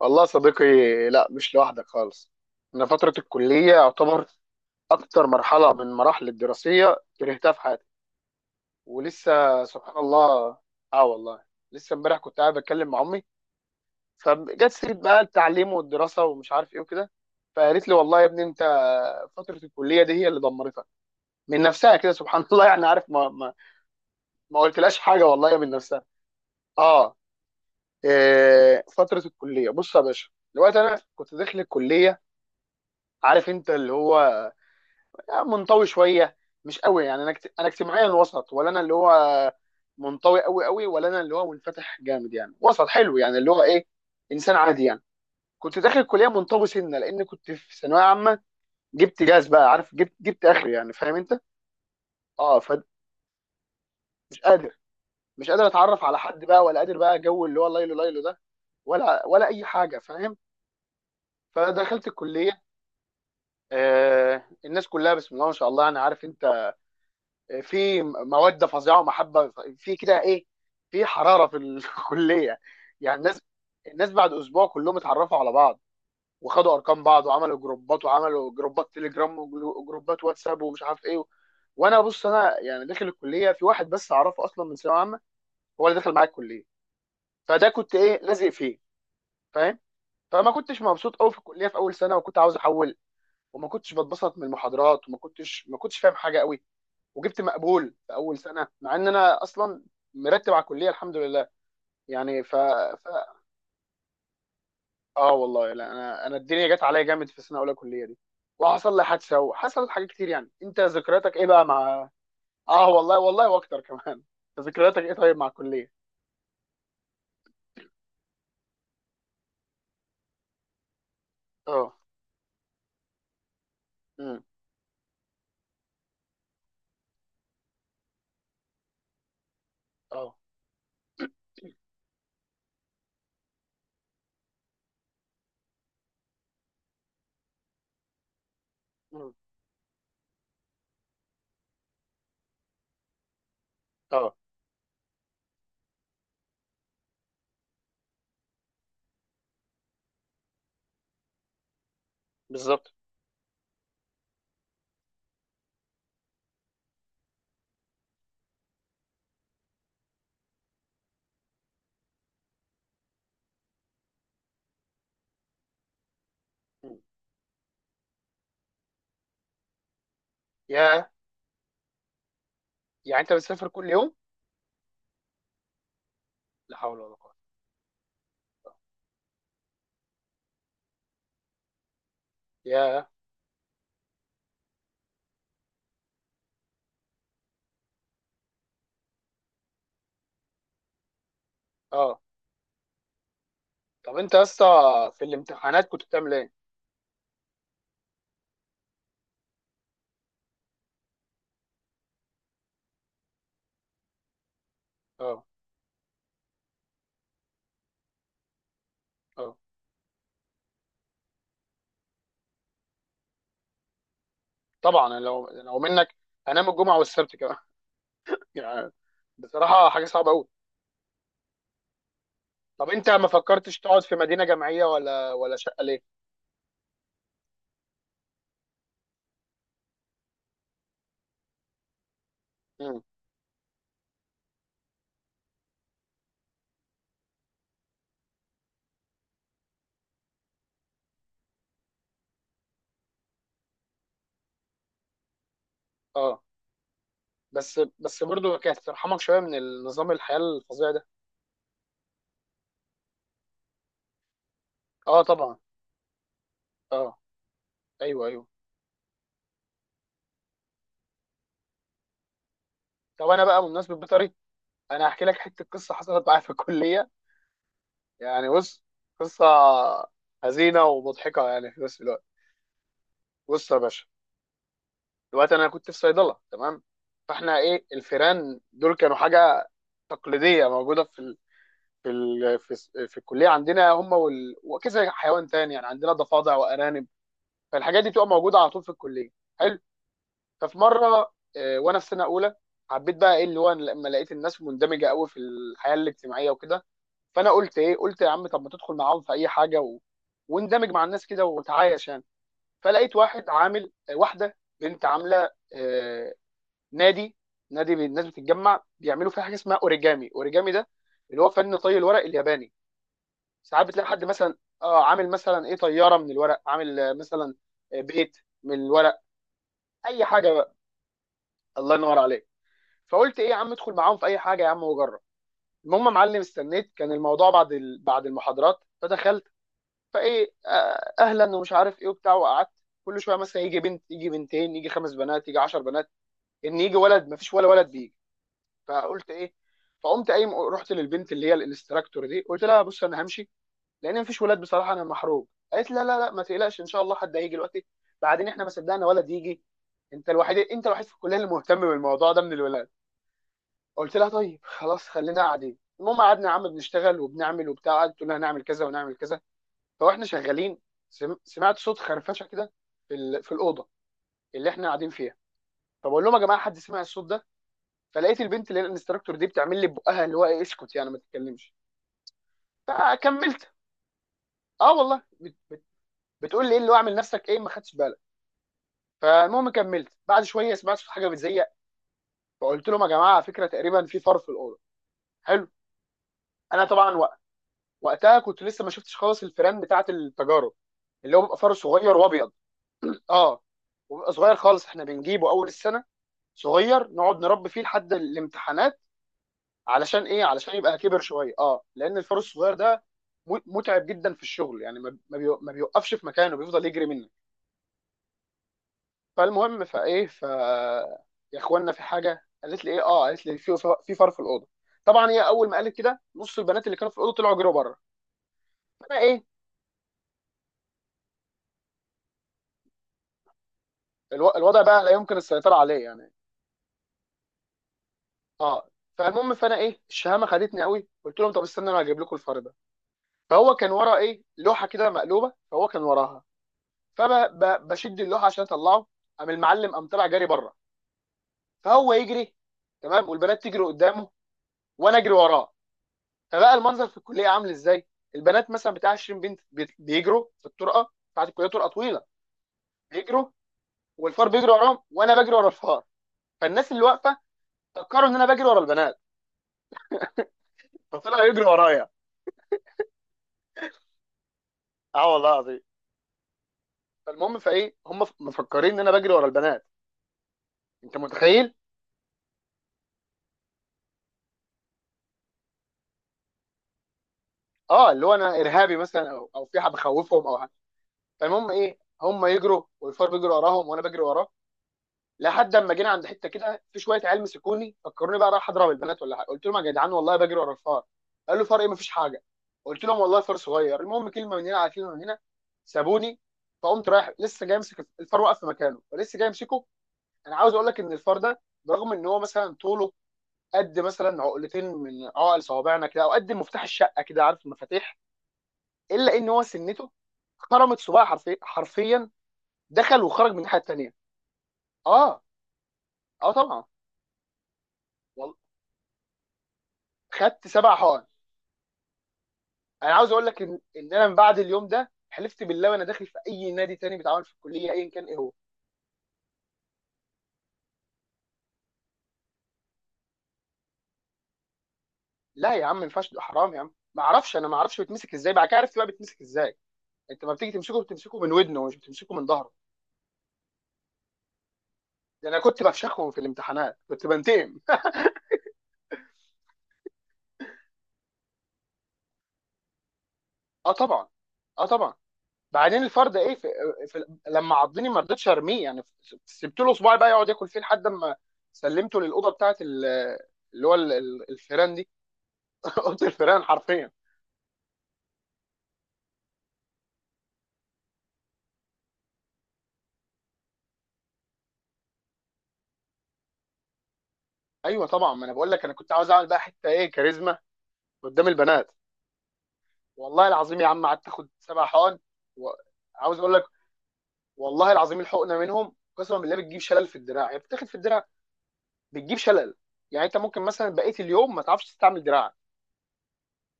والله يا صديقي، لا مش لوحدك خالص. أنا فترة الكلية يعتبر أكتر مرحلة من مراحل الدراسية كرهتها في حياتي، ولسه سبحان الله. آه والله. لسه امبارح كنت قاعد بتكلم مع أمي، فجت سيرة بقى التعليم والدراسة ومش عارف إيه وكده. فقالت لي والله يا ابني أنت فترة الكلية دي هي اللي دمرتك، من نفسها كده سبحان الله. يعني عارف، ما قلتلاش حاجة والله من نفسها. آه. إيه، فترة الكلية بص يا باشا. دلوقتي أنا كنت داخل الكلية، عارف أنت اللي هو منطوي شويه، مش قوي. يعني انا انا اجتماعيا وسط، ولا انا اللي هو منطوي قوي قوي، ولا انا اللي هو منفتح جامد، يعني وسط حلو، يعني اللي هو ايه، انسان عادي يعني. كنت داخل الكليه منطوي سنه، لان كنت في ثانويه عامه، جبت جاز بقى عارف، جبت اخري، يعني فاهم انت. اه، فمش قادر، مش قادر اتعرف على حد بقى، ولا قادر بقى جو اللي هو ليلو ليلو ده، ولا اي حاجه، فاهم. فدخلت الكليه، آه الناس كلها بسم الله ما شاء الله، انا عارف انت، في موده فظيعه ومحبه في كده ايه، في حراره في الكليه. يعني الناس، الناس بعد اسبوع كلهم اتعرفوا على بعض، وخدوا ارقام بعض، وعملوا جروبات، وعملوا جروبات تليجرام وجروبات واتساب ومش عارف ايه. وانا بص، انا يعني داخل الكليه في واحد بس اعرفه، اصلا من ثانويه عامه، هو اللي دخل معايا الكليه، فده كنت ايه، لازق فيه، فاهم. فما كنتش مبسوط قوي في الكليه في اول سنه، وكنت عاوز احول. وما كنتش بتبسط من المحاضرات، وما كنتش ما كنتش فاهم حاجه قوي، وجبت مقبول في اول سنه، مع ان انا اصلا مرتب على الكليه الحمد لله. يعني ف... اه والله، لا انا الدنيا جت عليا جامد في سنه اولى كليه دي، وحصل لي حادثه، وحصلت حاجات كتير. يعني انت ذكرياتك ايه بقى مع، اه والله والله واكتر كمان أنت ذكرياتك ايه طيب مع الكليه؟ اه، امم، اه، امم، اه، بالظبط. مم. يا، يعني انت بتسافر كل يوم؟ لا حول ولا قوه. يا، اه. طب انت يا اسطى في الامتحانات كنت بتعمل ايه؟ اه، اه طبعا. أنا لو منك هنام الجمعه والسبت كمان يعني بصراحه حاجه صعبه قوي. طب انت ما فكرتش تقعد في مدينه جامعيه ولا شقه ليه؟ امم، اه. بس بس برضه كانت ترحمك شويه من النظام الحياه الفظيع ده. اه طبعا. اه. ايوه ايوه. طب انا بقى بمناسبه بيطري، انا هحكي لك حته قصه حصلت معايا في الكليه، يعني بص، قصه حزينه ومضحكه يعني في نفس الوقت. بص يا باشا، دلوقتي انا كنت في صيدله تمام. فاحنا ايه، الفيران دول كانوا حاجه تقليديه موجوده في في الكليه عندنا هم، وكذا حيوان تاني، يعني عندنا ضفادع وارانب، فالحاجات دي بتبقى موجوده على طول في الكليه، حلو. ففي مره وانا في سنه اولى، حبيت بقى ايه اللي هو، أنا لما لقيت الناس مندمجه قوي في الحياه الاجتماعيه وكده، فانا قلت ايه، قلت يا عم طب ما تدخل معاهم في اي حاجه واندمج مع الناس كده وتعايش يعني. فلقيت واحد عامل واحده بنت عامله نادي، الناس بتتجمع بيعملوا فيها حاجه اسمها اوريجامي. اوريجامي ده اللي هو فن طي الورق الياباني. ساعات بتلاقي حد مثلا اه عامل مثلا ايه طياره من الورق، عامل مثلا بيت من الورق، اي حاجه بقى، الله ينور عليك. فقلت ايه يا عم، ادخل معاهم في اي حاجه يا عم وجرب. المهم يا معلم استنيت، كان الموضوع بعد بعد المحاضرات، فدخلت، فايه اهلا ومش عارف ايه وبتاع، وقعدت. كل شويه مثلا يجي بنت، يجي بنتين، يجي خمس بنات، يجي عشر بنات، ان يجي ولد مفيش ولا ولد بيجي. فقلت ايه، فقمت قايم رحت للبنت اللي هي الانستراكتور دي، قلت لها بص انا همشي، لان مفيش ولاد بصراحه انا محروق. قالت لا لا لا ما تقلقش ان شاء الله حد هيجي دلوقتي، بعدين احنا ما صدقنا ولد يجي، انت الوحيد، انت الوحيد في الكليه اللي مهتم بالموضوع ده من الولاد. قلت لها طيب خلاص خلينا قاعدين. المهم قعدنا يا عم بنشتغل وبنعمل وبتاع، قعدت تقول لنا هنعمل كذا ونعمل كذا، فاحنا شغالين. سمعت صوت خرفشه كده في في الاوضه اللي احنا قاعدين فيها. فبقول لهم يا جماعه حد سمع الصوت ده، فلقيت البنت اللي هي الانستراكتور دي بتعمل لي بقها اللي هو ايه اسكت، يعني ما تتكلمش. فكملت، اه والله، بت بت بتقول لي ايه اللي هو اعمل نفسك ايه، ما خدتش بالك. فالمهم كملت، بعد شويه سمعت في حاجه بتزيق، فقلت لهم يا جماعه على فكره تقريبا في فار في الاوضه، حلو. انا طبعا وقتها كنت لسه ما شفتش خالص الفيران بتاعه التجارب، اللي هو بيبقى فار صغير وابيض. اه، وبيبقى صغير خالص، احنا بنجيبه اول السنه صغير، نقعد نربي فيه لحد الامتحانات، علشان ايه، علشان يبقى كبر شويه. اه لان الفار الصغير ده متعب جدا في الشغل، يعني ما بيوقفش في مكانه، بيفضل يجري منك. فالمهم، فايه. يا اخوانا، في حاجه قالت لي ايه، اه قالت لي في فار في الاوضه. طبعا هي اول ما قالت كده، نص البنات اللي كانوا في الاوضه طلعوا جروا بره. فانا ايه، الوضع بقى لا يمكن السيطره عليه يعني. اه، فالمهم فانا ايه، الشهامه خدتني قوي، قلت لهم طب استنى انا هجيب لكم الفار ده. فهو كان ورا ايه، لوحه كده مقلوبه، فهو كان وراها، فبشد اللوحه عشان اطلعه، قام المعلم قام طلع جري بره. فهو يجري تمام، والبنات تجري قدامه، وانا اجري وراه. فبقى المنظر في الكليه عامل ازاي، البنات مثلا بتاع 20 بنت بيجروا في الطرقه بتاعت الكليه، طرقه طويله، بيجروا والفار بيجري وراهم، وانا بجري ورا الفار. فالناس اللي واقفه فكروا ان انا بجري ورا البنات، فطلعوا يجروا ورايا. اه والله العظيم. فالمهم فايه، هم مفكرين ان انا بجري ورا البنات، انت متخيل. اه اللي هو انا ارهابي مثلا، او في حاجه بخوفهم او. فالمهم ايه، هم يجروا والفار بيجري وراهم، وانا بجري وراه، لحد اما جينا عند حته كده، في شويه عيال مسكوني فكروني بقى رايح اضرب البنات ولا حاجه، قلت لهم يا جدعان والله بجري ورا الفار، قالوا فار ايه مفيش حاجه، قلت لهم والله فار صغير. المهم كلمه من هنا على كلمه من هنا سابوني. فقمت رايح لسه جاي امسك الفار، واقف في مكانه فلسه جاي امسكه. انا عاوز اقول لك ان الفار ده، برغم ان هو مثلا طوله قد مثلا عقلتين من عقل صوابعنا كده، او قد مفتاح الشقه كده عارف المفاتيح، الا ان هو سنته خرمت صباعي حرفيا حرفيا، دخل وخرج من الناحيه الثانيه. اه، اه طبعا. والله خدت 7 حقن. انا عاوز اقول لك ان انا من بعد اليوم ده حلفت بالله، وانا داخل في اي نادي تاني بيتعامل في الكليه ايا كان ايه هو. لا يا عم ما ينفعش ده حرام يا عم، ما اعرفش، انا ما اعرفش بيتمسك ازاي، بعد كده عرفت بقى بيتمسك ازاي، انت ما بتيجي تمسكه، بتمسكه من ودنه، مش بتمسكه من ظهره. ده انا كنت بفشخهم في الامتحانات، كنت بنتقم. اه طبعا. اه طبعا. بعدين الفرد ايه في، في لما عضني ما رضيتش ارميه، يعني سبت له صباعي بقى يقعد ياكل فيه، لحد ما سلمته للاوضه بتاعت اللي هو الفيران دي. اوضه الفيران حرفيا. ايوه طبعا، ما انا بقول لك، انا كنت عاوز اعمل بقى حته ايه، كاريزما قدام البنات. والله العظيم يا عم قعدت اخد 7 حقن، و- عاوز اقول لك، والله العظيم الحقنه منهم قسما بالله بتجيب شلل في الدراع، يعني بتاخد في الدراع بتجيب شلل، يعني انت ممكن مثلا بقيه اليوم ما تعرفش تستعمل دراعك،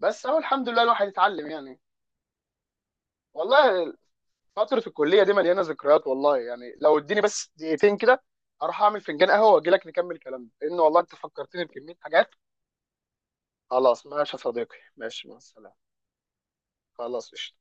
بس اهو الحمد لله الواحد اتعلم يعني. والله فترة الكلية دي مليانة ذكريات، والله يعني لو اديني بس دقيقتين كده، اروح اعمل فنجان قهوة واجي لك نكمل كلامنا، لان والله انت فكرتني بكمية حاجات. خلاص ماشي يا صديقي، ماشي مع السلامة. خلاص قشطة.